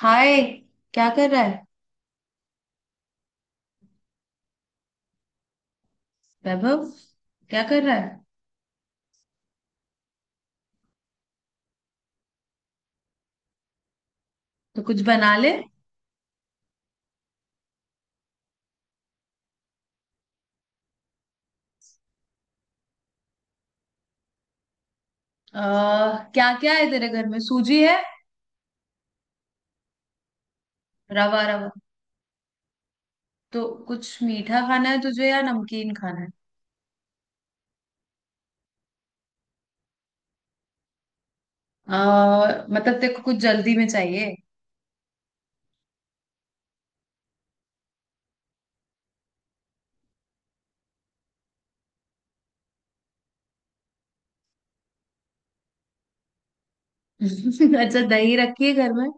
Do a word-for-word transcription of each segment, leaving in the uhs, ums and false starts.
हाय। क्या कर रहा है वैभव? क्या कर रहा है? तो कुछ बना ले। आ, क्या क्या है तेरे घर में? सूजी है? रवा रवा। तो कुछ मीठा खाना है तुझे या नमकीन खाना है? आ, मतलब तेरे को कुछ जल्दी में चाहिए? अच्छा, दही रखी है घर में?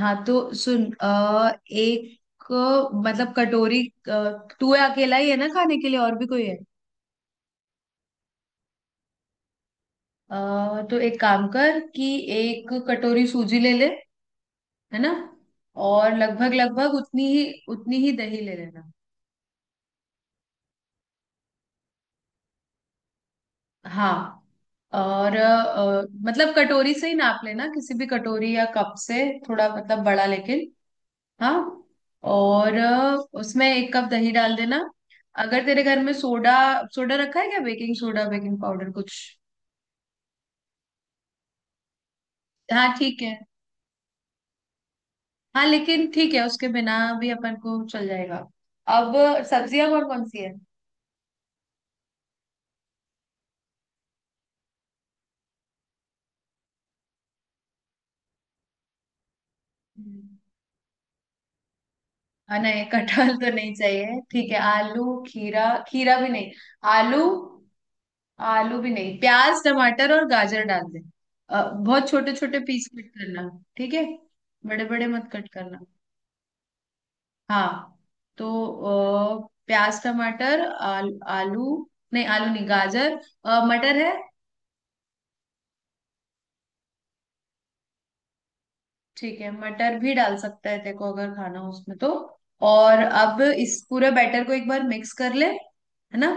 हाँ, तो सुन आ, एक मतलब कटोरी, अ, तू अकेला ही है ना खाने के लिए? और भी कोई है? आ, तो एक काम कर कि एक कटोरी सूजी ले ले। है ना? और लगभग लगभग उतनी ही उतनी ही दही ले लेना। हाँ। और अ, मतलब कटोरी से ही नाप लेना, किसी भी कटोरी या कप से, थोड़ा मतलब बड़ा, लेकिन। हाँ। और अ, उसमें एक कप दही डाल देना। अगर तेरे घर में सोडा सोडा रखा है क्या? बेकिंग सोडा, बेकिंग पाउडर, कुछ? हाँ, ठीक है। हाँ, लेकिन ठीक है, उसके बिना भी अपन को चल जाएगा। अब सब्जियां कौन कौन सी है? हाँ, नहीं, कटहल तो नहीं चाहिए। ठीक है, आलू, खीरा। खीरा भी नहीं। आलू, आलू भी नहीं। प्याज, टमाटर और गाजर डाल दे। अ, बहुत छोटे छोटे पीस कट करना। ठीक है? बड़े बड़े मत कट करना। हाँ, तो अ, प्याज, टमाटर, आल, आलू, नहीं आलू नहीं, गाजर, अ, मटर है? ठीक है, मटर भी डाल सकता है तेको अगर खाना हो उसमें तो। और अब इस पूरे बैटर को एक बार मिक्स कर ले। है ना?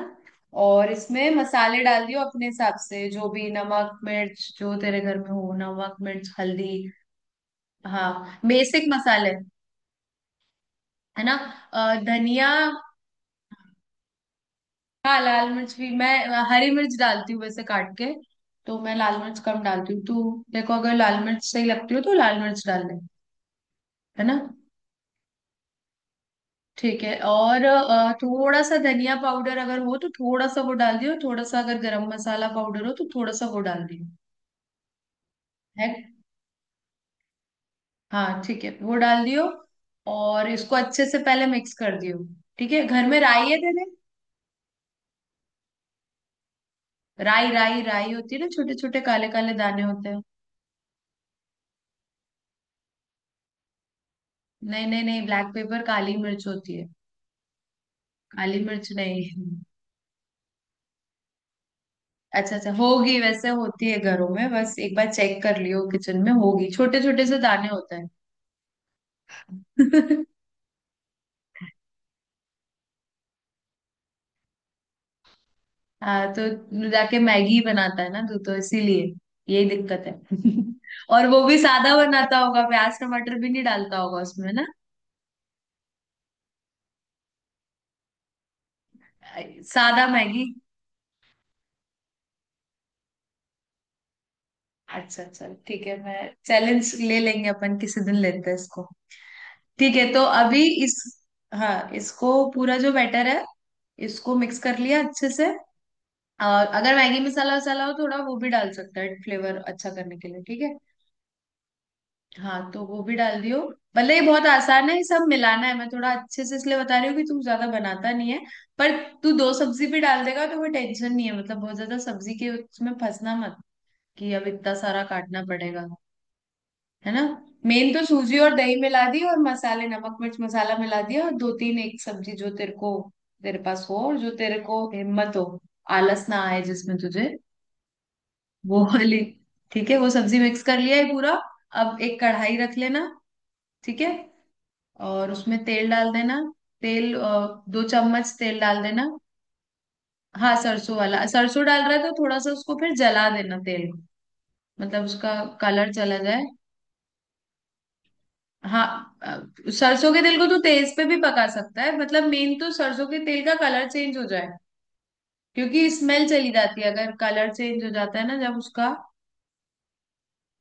और इसमें मसाले डाल दियो अपने हिसाब से, जो भी नमक मिर्च जो तेरे घर में हो, नमक मिर्च हल्दी। हाँ, बेसिक मसाले। है ना? अ, धनिया। हाँ, लाल मिर्च भी, मैं अ, हरी मिर्च डालती हूँ वैसे, काट के। तो मैं लाल मिर्च कम डालती हूँ, तू देखो अगर लाल मिर्च सही लगती हो तो लाल मिर्च डाल ले। है ना? ठीक है। और अ, थोड़ा सा धनिया पाउडर अगर हो तो थोड़ा सा वो डाल दियो, थोड़ा सा अगर गरम मसाला पाउडर हो तो थोड़ा सा वो डाल दियो। है? हाँ, ठीक है, वो डाल दियो। और इसको अच्छे से पहले मिक्स कर दियो। ठीक है। घर में राई है तेरे? राई राई राई होती है ना, छोटे छोटे काले काले दाने होते हैं। नहीं, नहीं, नहीं, ब्लैक पेपर काली मिर्च होती है। काली मिर्च नहीं। अच्छा, अच्छा, होगी वैसे, होती है घरों में, बस एक बार चेक कर लियो, किचन में होगी, छोटे छोटे से दाने होते हैं। हाँ, तो तू जाके मैगी बनाता है ना, तू तो इसीलिए। यही दिक्कत है। और वो भी सादा बनाता होगा, प्याज टमाटर भी नहीं डालता होगा उसमें ना? सादा मैगी? अच्छा, चल ठीक है, मैं चैलेंज ले लेंगे अपन, किसी दिन लेते हैं इसको। ठीक है, तो अभी इस, हाँ, इसको पूरा जो बैटर है, इसको मिक्स कर लिया अच्छे से। और अगर मैगी मसाला वसाला हो थोड़ा, वो भी डाल सकता है फ्लेवर अच्छा करने के लिए। ठीक है? हाँ, तो वो भी डाल दियो। मतलब ये बहुत आसान है, ये सब मिलाना है, मैं थोड़ा अच्छे से इसलिए बता रही हूँ कि तू ज्यादा बनाता नहीं है। पर तू दो सब्जी भी डाल देगा तो कोई टेंशन नहीं है, मतलब बहुत ज्यादा सब्जी के उसमें फंसना मत कि अब इतना सारा काटना पड़ेगा। है ना? मेन तो सूजी और दही मिला दी और मसाले नमक मिर्च मसाला मिला दिया, और दो तीन एक सब्जी जो तेरे को, तेरे पास हो और जो तेरे को हिम्मत हो, आलस ना आए जिसमें तुझे, वो वाली। ठीक है, वो सब्जी मिक्स कर लिया है पूरा। अब एक कढ़ाई रख लेना। ठीक है? और उसमें तेल डाल देना। तेल अ, दो चम्मच तेल डाल देना। हाँ, सरसों वाला? सरसों डाल रहा है तो थोड़ा सा उसको फिर जला देना, तेल को। मतलब उसका कलर चला जाए। हाँ, अ, सरसों के तेल को तो तेज पे भी पका सकता है, मतलब मेन तो सरसों के तेल का कलर चेंज हो जाए। क्योंकि स्मेल चली जाती है अगर कलर चेंज हो जाता है ना, जब उसका,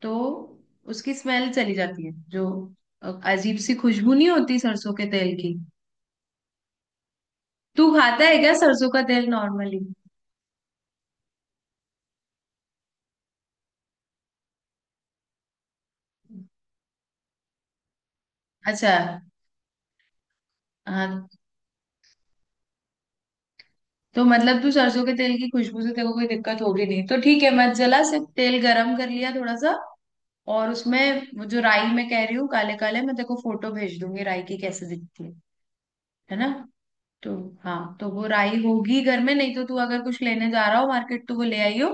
तो उसकी स्मेल चली जाती है जो अ, अजीब सी खुशबू नहीं होती सरसों के तेल की। तू खाता है क्या सरसों का तेल नॉर्मली? अच्छा। हाँ, तो मतलब तू सरसों के तेल की खुशबू से तेरे को कोई दिक्कत होगी नहीं तो ठीक है, मत जला, सिर्फ तेल गरम कर लिया थोड़ा सा। और उसमें वो जो राई मैं कह रही हूँ, काले काले, मैं तेरे को फोटो भेज दूंगी राई की कैसे दिखती है। है ना? तो हाँ, तो वो राई होगी घर में, नहीं तो तू अगर कुछ लेने जा रहा हो मार्केट तो वो ले आई हो।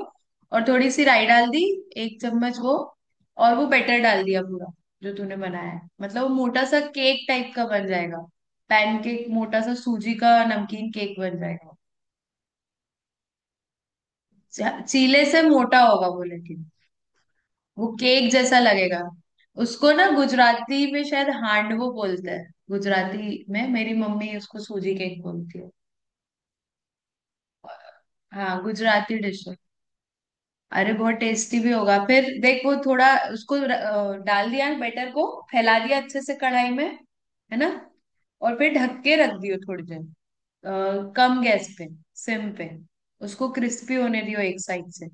और थोड़ी सी राई डाल दी, एक चम्मच वो। और वो बैटर डाल दिया पूरा, जो तूने बनाया है, मतलब वो मोटा सा केक टाइप का बन जाएगा। पैनकेक, मोटा सा सूजी का नमकीन केक बन जाएगा। चीले से मोटा होगा वो, लेकिन वो केक जैसा लगेगा। उसको ना गुजराती में शायद हांडवो बोलते हैं, गुजराती में मेरी मम्मी उसको सूजी केक बोलती है। हाँ, गुजराती डिश है। अरे बहुत टेस्टी भी होगा फिर, देख वो थोड़ा। उसको र- अ, डाल दिया बैटर को, फैला दिया अच्छे से कढ़ाई में। है ना? और फिर ढक के रख दियो थोड़ी देर, अ, कम गैस पे, सिम पे, उसको क्रिस्पी होने दियो एक साइड से।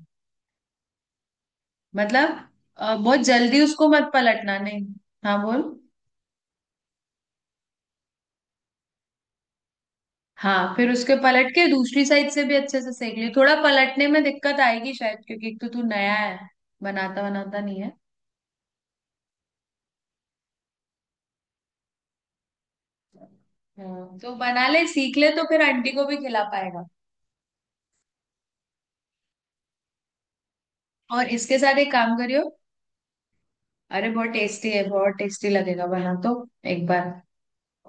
मतलब अ, बहुत जल्दी उसको मत पलटना। नहीं, हाँ बोल। हाँ, फिर उसके पलट के दूसरी साइड से भी अच्छे से सेक ली। थोड़ा पलटने में दिक्कत आएगी शायद क्योंकि एक तो तू नया है, बनाता बनाता नहीं है। हाँ, तो बना ले, सीख ले तो फिर आंटी को भी खिला पाएगा। और इसके साथ एक काम करियो। अरे बहुत टेस्टी है, बहुत टेस्टी लगेगा, बना तो एक बार।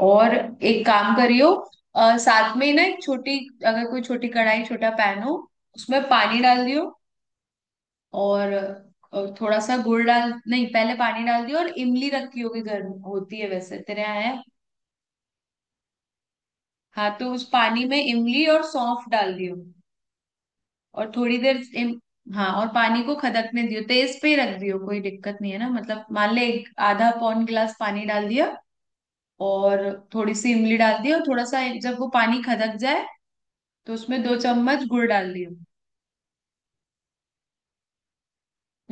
और एक काम करियो, अ, साथ में ना एक छोटी, अगर कोई छोटी कढ़ाई छोटा पैन हो, उसमें पानी डाल दियो। और और थोड़ा सा गुड़ डाल, नहीं पहले पानी डाल दिया, और इमली रखी होगी घर में, होती है वैसे तेरे यहाँ है? हाँ, तो उस पानी में इमली और सौंफ डाल दियो। और थोड़ी देर इम, हाँ, और पानी को खदकने दियो, तेज पे ही रख दियो, कोई दिक्कत नहीं है ना, मतलब मान ले एक आधा पौन गिलास पानी डाल दिया। और थोड़ी सी इमली डाल दी, और थोड़ा सा जब वो पानी खदक जाए तो उसमें दो चम्मच गुड़ डाल दियो।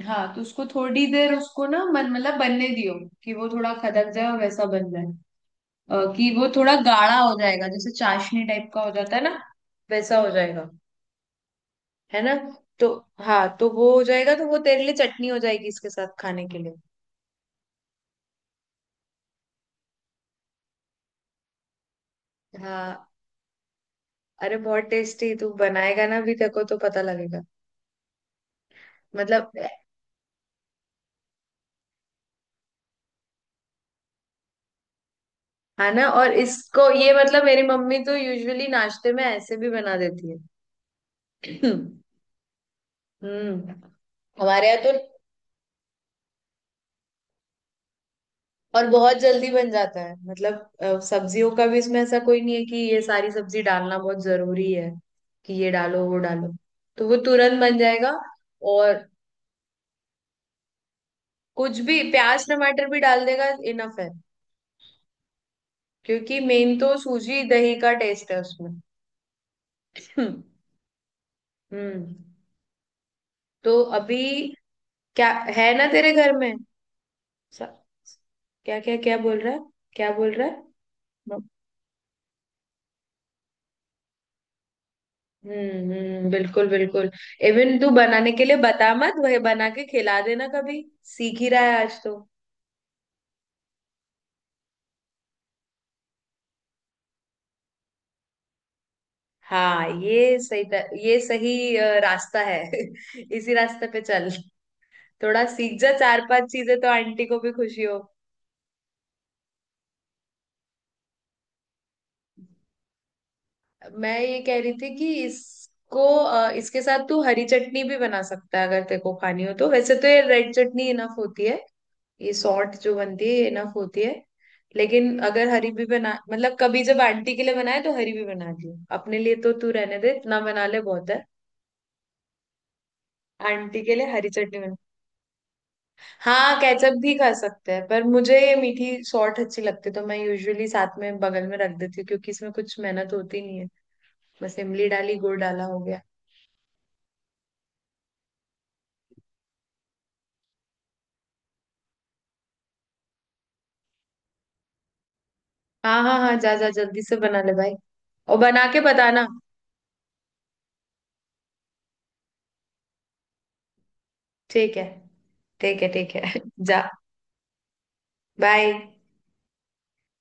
हाँ, तो उसको थोड़ी देर, उसको ना मन मतलब बनने दियो, कि वो थोड़ा खदक जाए और वैसा बन जाए। अ, कि वो थोड़ा गाढ़ा हो जाएगा, जैसे चाशनी टाइप का हो जाता है ना, वैसा हो जाएगा। है ना? तो हाँ, तो वो हो जाएगा तो वो तेरे लिए चटनी हो जाएगी इसके साथ खाने के लिए। हाँ, अरे बहुत टेस्टी तू बनाएगा, ना भी देखो तो पता लगेगा। मतलब, है ना? और इसको ये मतलब मेरी मम्मी तो यूजुअली नाश्ते में ऐसे भी बना देती है। हम्म। हमारे यहाँ तो। और बहुत जल्दी बन जाता है, मतलब अ, सब्जियों का भी इसमें ऐसा कोई नहीं है कि ये सारी सब्जी डालना बहुत जरूरी है, कि ये डालो वो डालो। तो वो तुरंत बन जाएगा। और कुछ भी, प्याज टमाटर भी डाल देगा इनफ है, क्योंकि मेन तो सूजी दही का टेस्ट है उसमें। हम्म। हम्म। तो अभी क्या? है ना तेरे घर में? स- क्या क्या, क्या बोल रहा है? क्या बोल रहा है? हम्म, हम्म, बिल्कुल, बिल्कुल। इवन तू बनाने के लिए बता मत, वही बना के खिला देना कभी, सीख ही रहा है आज तो। हाँ, ये सही, त- ये सही अ, रास्ता है। इसी रास्ते पे चल, थोड़ा सीख जा चार पांच चीजें तो आंटी को भी खुशी हो। मैं ये कह रही थी कि इसको अ, इसके साथ तू हरी चटनी भी बना सकता है अगर तेरे को खानी हो तो, वैसे तो ये रेड चटनी इनफ होती है। ये सॉर्ट जो बनती है इनफ होती है। लेकिन अगर हरी भी बना, मतलब कभी जब आंटी के लिए बनाए तो हरी भी बना दी, अपने लिए तो तू रहने दे, इतना बना ले बहुत है। आंटी के लिए हरी चटनी बना। हाँ, केचप भी खा सकते हैं पर मुझे ये मीठी सॉर्ट अच्छी लगती है, तो मैं यूजुअली साथ में बगल में रख देती हूँ क्योंकि इसमें कुछ मेहनत होती नहीं है। बस इमली डाली, गुड़ डाला, हो गया। हाँ, हाँ, हाँ, जा जा जल्दी से बना ले भाई। और बना के बताना। ठीक है, ठीक है, ठीक है। जा। बाय।